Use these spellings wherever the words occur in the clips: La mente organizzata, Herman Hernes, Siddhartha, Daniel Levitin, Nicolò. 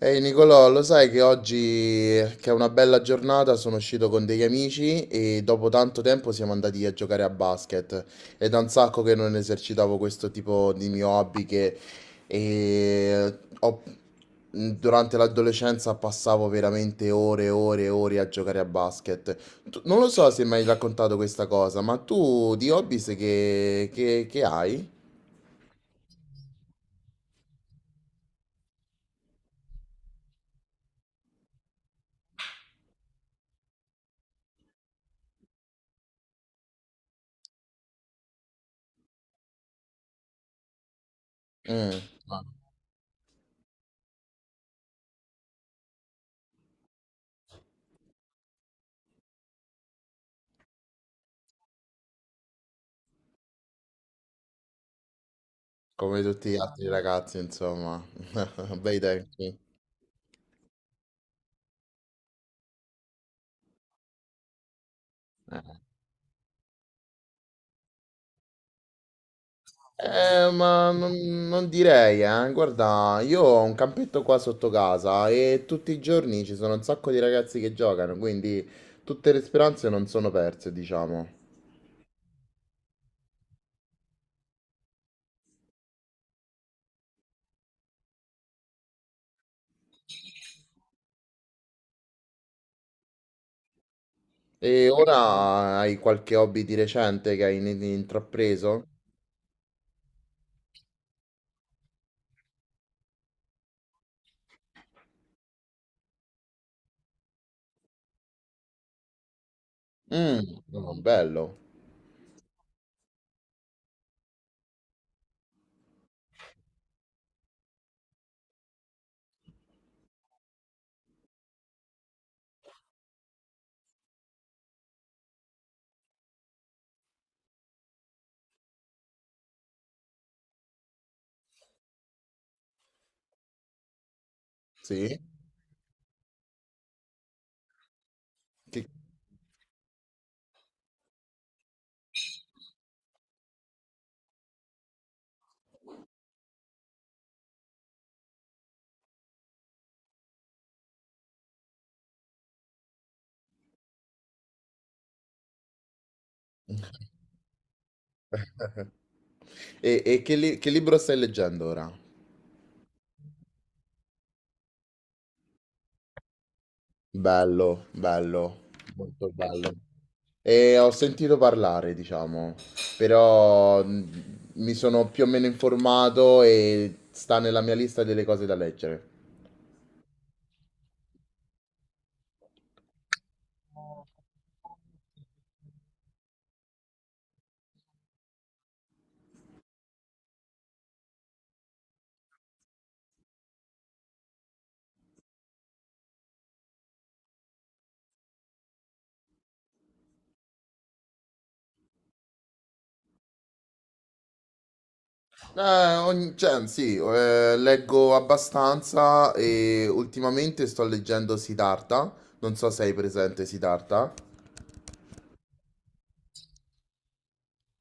Ehi Nicolò, lo sai che oggi, che è una bella giornata, sono uscito con degli amici e dopo tanto tempo siamo andati a giocare a basket. È da un sacco che non esercitavo questo tipo di mio hobby che eh, ho- durante l'adolescenza passavo veramente ore e ore e ore a giocare a basket. Non lo so se mi hai raccontato questa cosa, ma tu di hobby sai che hai? Mm, come tutti gli altri ragazzi, insomma. Bei tempi. Eh, ma non direi, eh. Guarda, io ho un campetto qua sotto casa e tutti i giorni ci sono un sacco di ragazzi che giocano, quindi tutte le speranze non sono perse, diciamo. E ora hai qualche hobby di recente che hai intrapreso? Mm, oh, bello, sì. Che- E, che libro stai leggendo ora? Bello, bello, molto bello. E ho sentito parlare, diciamo, però mi sono più o meno informato e sta nella mia lista delle cose da leggere. Cioè, sì, leggo abbastanza e ultimamente sto leggendo Siddhartha, non so se hai presente Siddhartha.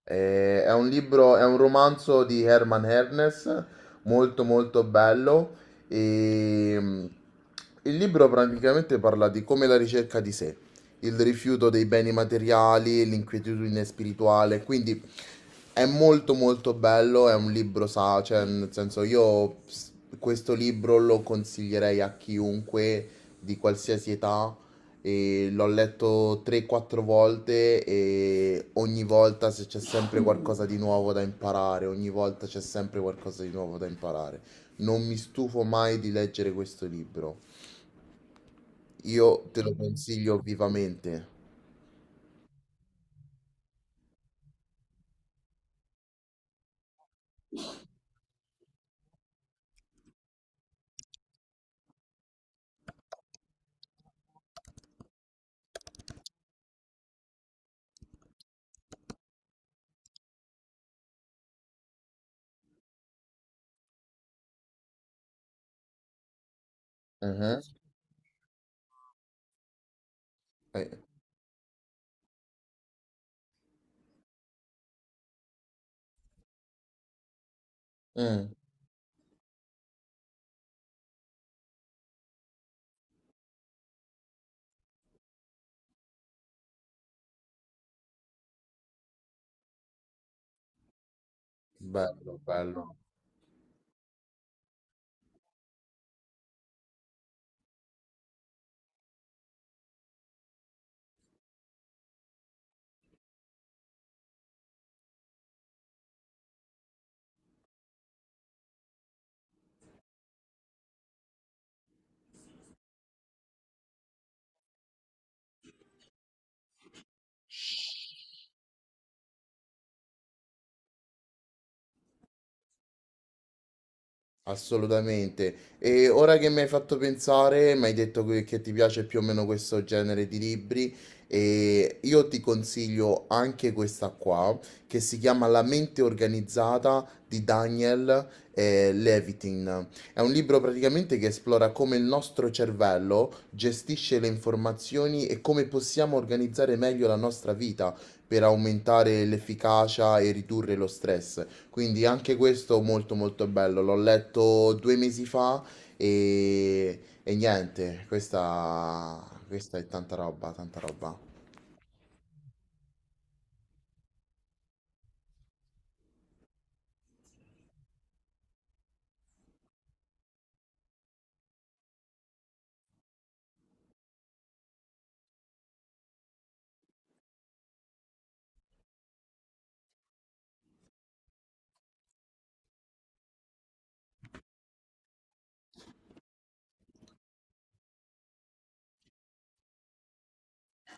È un libro, è un romanzo di Herman Hernes, molto molto bello. E, il libro praticamente parla di come la ricerca di sé, il rifiuto dei beni materiali, l'inquietudine spirituale. Quindi è molto molto bello, è un libro, sa, cioè nel senso questo libro lo consiglierei a chiunque di qualsiasi età, e l'ho letto 3-4 volte e ogni volta se c'è sempre qualcosa di nuovo da imparare, ogni volta c'è sempre qualcosa di nuovo da imparare. Non mi stufo mai di leggere questo libro. Io te lo consiglio vivamente. Mhm. Eh, mm, Bello, bello. Assolutamente. E ora che mi hai fatto pensare, mi hai detto che ti piace più o meno questo genere di libri, e io ti consiglio anche questa qua, che si chiama La mente organizzata di Daniel Levitin. È un libro praticamente che esplora come il nostro cervello gestisce le informazioni e come possiamo organizzare meglio la nostra vita per aumentare l'efficacia e ridurre lo stress. Quindi anche questo molto molto bello, l'ho letto due mesi fa e niente, questa è tanta roba, tanta roba.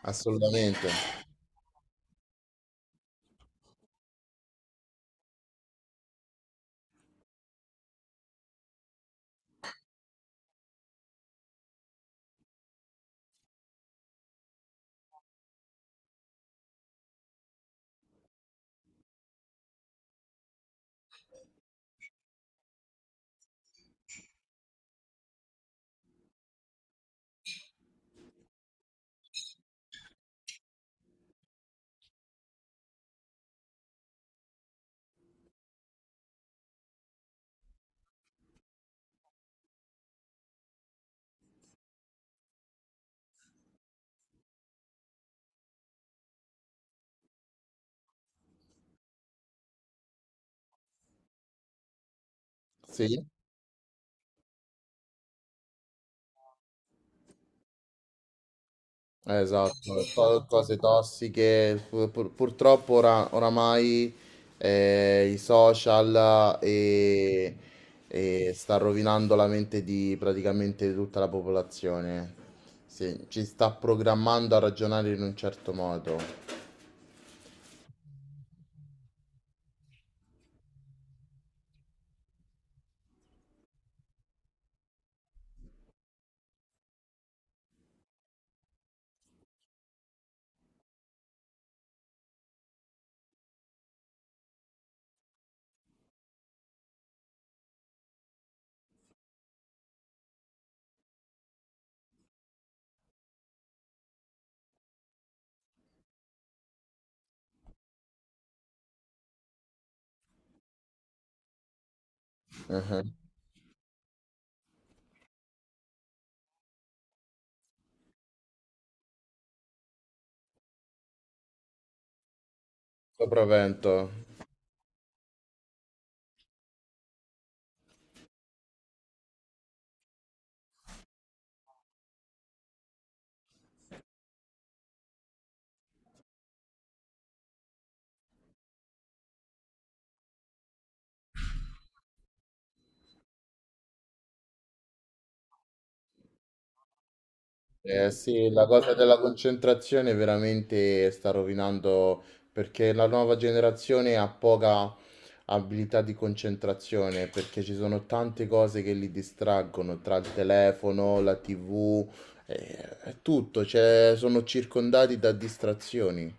Assolutamente, sì, esatto, cose tossiche, purtroppo oramai i social, e sta rovinando la mente di praticamente tutta la popolazione, sì, ci sta programmando a ragionare in un certo modo. Sopravvento. Sì, la cosa della concentrazione veramente sta rovinando perché la nuova generazione ha poca abilità di concentrazione perché ci sono tante cose che li distraggono tra il telefono, la TV, eh, è tutto, cioè, sono circondati da distrazioni.